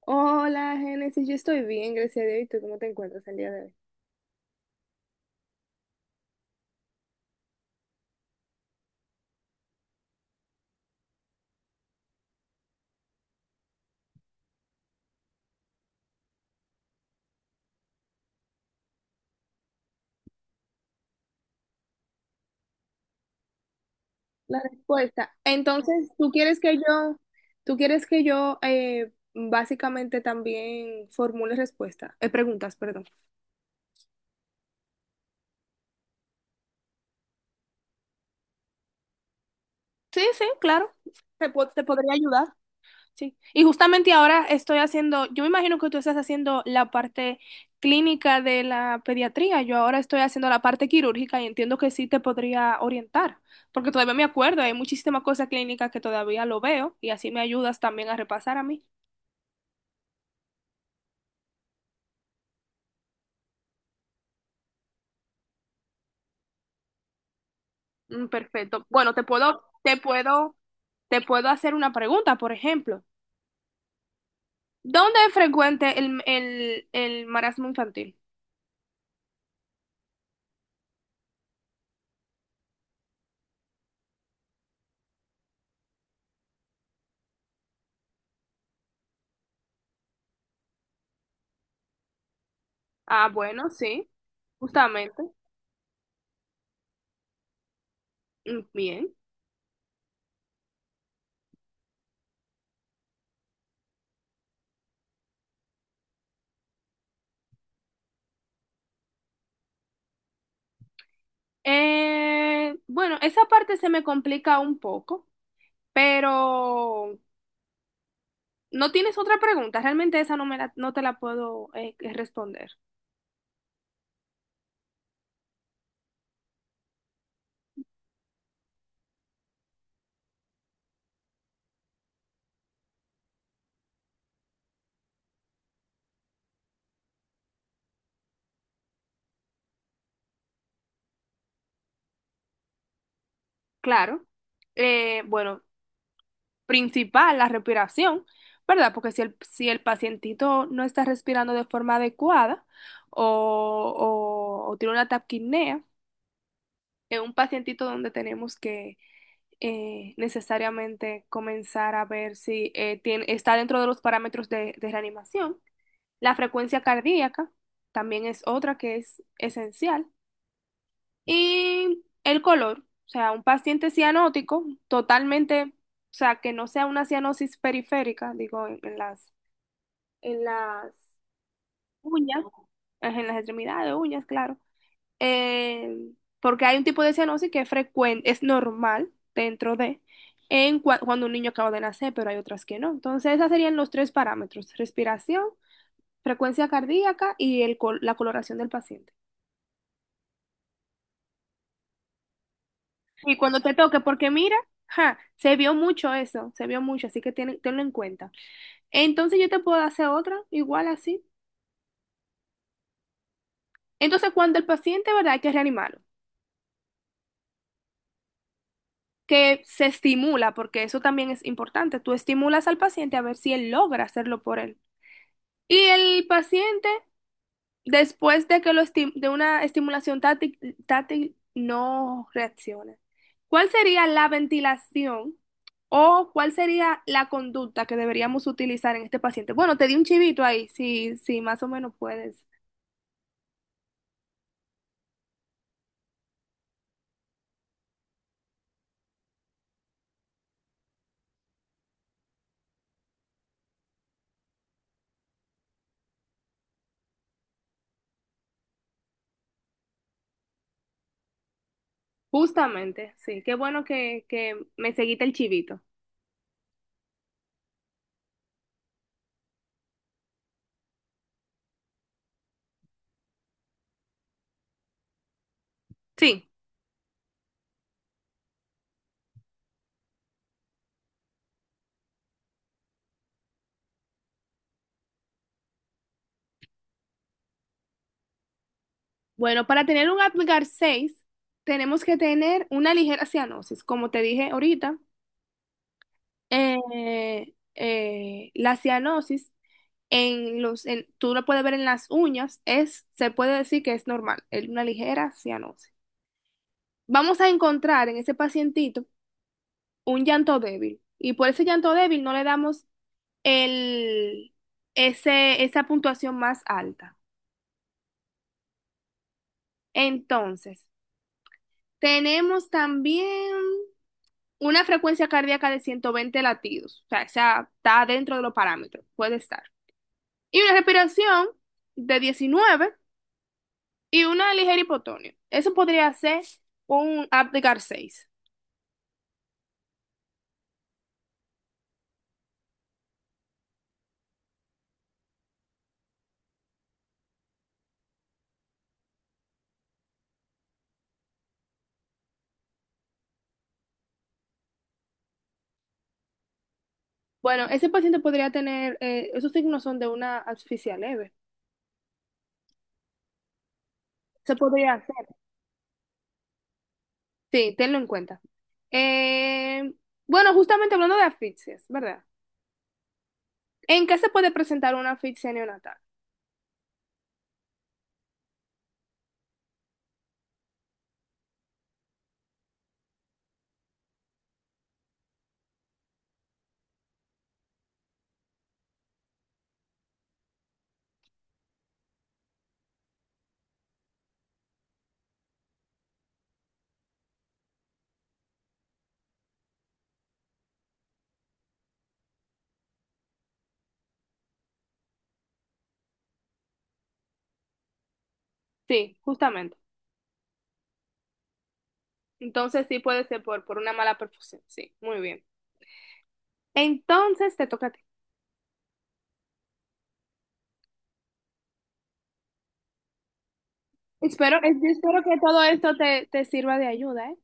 Hola, Génesis, yo estoy bien, gracias a Dios. ¿Y tú cómo te encuentras el día de hoy? La respuesta. Entonces, ¿tú quieres que yo básicamente también formule respuesta, preguntas, perdón? Sí, sí, claro. Te podría ayudar. Sí, y justamente ahora estoy haciendo, yo me imagino que tú estás haciendo la parte clínica de la pediatría, yo ahora estoy haciendo la parte quirúrgica y entiendo que sí te podría orientar, porque todavía me acuerdo, hay muchísimas cosas clínicas que todavía lo veo y así me ayudas también a repasar a mí. Mm, perfecto. Bueno, te puedo hacer una pregunta, por ejemplo. ¿Dónde es frecuente el marasmo infantil? Ah, bueno, sí, justamente. Mm, bien. Bueno, esa parte se me complica un poco, pero no tienes otra pregunta. Realmente esa no te la puedo responder. Claro. Bueno, principal, la respiración, ¿verdad? Porque si el pacientito no está respirando de forma adecuada o, o tiene una taquipnea, es un pacientito donde tenemos que necesariamente comenzar a ver si está dentro de los parámetros de reanimación. La frecuencia cardíaca también es otra que es esencial. Y el color, o sea, un paciente cianótico totalmente, o sea, que no sea una cianosis periférica, digo, en las uñas, en las extremidades, de uñas, claro. Eh, porque hay un tipo de cianosis que es frecuente, es normal dentro de cuando un niño acaba de nacer, pero hay otras que no. Entonces, esos serían los tres parámetros, respiración, frecuencia cardíaca y la coloración del paciente. Y cuando te toque, porque mira, ja, se vio mucho eso, se vio mucho, así que tiene tenlo en cuenta. Entonces yo te puedo hacer otra, igual así. Entonces cuando el paciente, ¿verdad? Hay que reanimarlo, que se estimula, porque eso también es importante. Tú estimulas al paciente a ver si él logra hacerlo por él. Y el paciente, después de que de una estimulación táctil no reacciona. ¿Cuál sería la ventilación o cuál sería la conducta que deberíamos utilizar en este paciente? Bueno, te di un chivito ahí, si más o menos puedes. Justamente, sí. Qué bueno que me seguiste el chivito. Sí. Bueno, para tener un Apgar 6 tenemos que tener una ligera cianosis, como te dije ahorita. La cianosis tú lo puedes ver en las uñas, es, se puede decir que es normal, es una ligera cianosis. Vamos a encontrar en ese pacientito un llanto débil y por ese llanto débil no le damos el, esa puntuación más alta. Entonces, tenemos también una frecuencia cardíaca de 120 latidos, o sea, esa está dentro de los parámetros, puede estar. Y una respiración de 19 y una ligera hipotonía. Eso podría ser un Apgar 6. Bueno, ese paciente podría tener, esos signos son de una asfixia leve. Se podría hacer. Sí, tenlo en cuenta. Eh, bueno, justamente hablando de asfixias, ¿verdad? ¿En qué se puede presentar una asfixia neonatal? Sí, justamente. Entonces sí puede ser por una mala perfusión. Sí, muy bien. Entonces te toca a ti. Yo espero que todo esto te sirva de ayuda, ¿eh?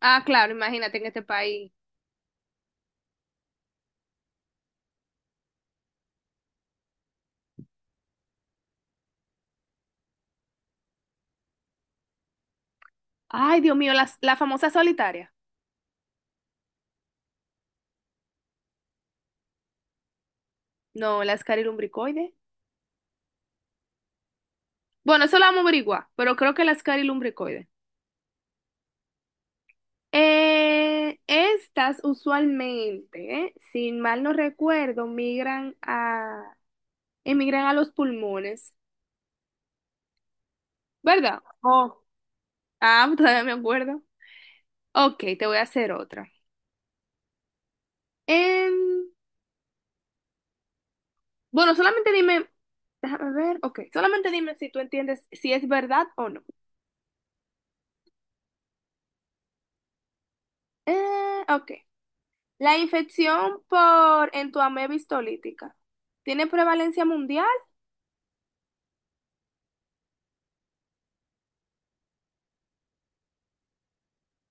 Ah, claro, imagínate en este país. Ay, Dios mío, la famosa solitaria. No, la escarilumbricoide. Bueno, eso lo vamos a averiguar, pero creo que la escarilumbricoide. Estas usualmente, si mal no recuerdo, emigran a los pulmones, ¿verdad? Oh. Ah, todavía me acuerdo. Ok, te voy a hacer otra. Em, bueno, solamente dime, déjame ver, ok, solamente dime si tú entiendes si es verdad o no. Ok. La infección por Entoamé bistolítica. ¿Tiene prevalencia mundial?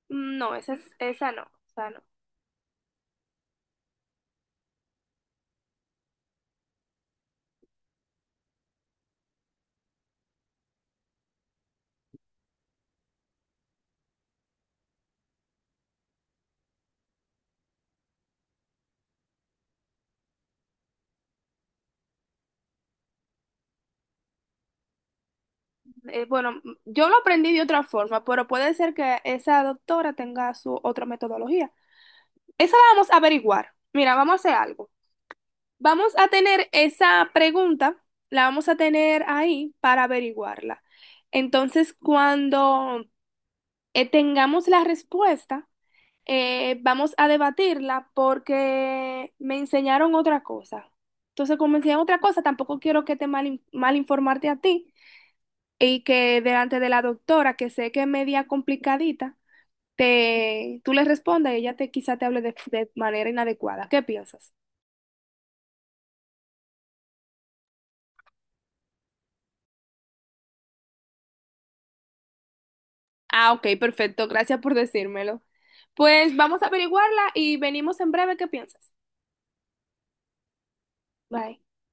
Mm, no, esa no. Esa no. Bueno, yo lo aprendí de otra forma, pero puede ser que esa doctora tenga su otra metodología. Esa la vamos a averiguar. Mira, vamos a hacer algo. Vamos a tener esa pregunta, la vamos a tener ahí para averiguarla. Entonces, cuando tengamos la respuesta, vamos a debatirla porque me enseñaron otra cosa. Entonces, como me enseñaron otra cosa, tampoco quiero que te mal informarte a ti y que delante de la doctora, que sé que es media complicadita, tú le respondas y ella quizá te hable de manera inadecuada. ¿Qué piensas? Ah, ok, perfecto. Gracias por decírmelo. Pues vamos a averiguarla y venimos en breve. ¿Qué piensas? Bye.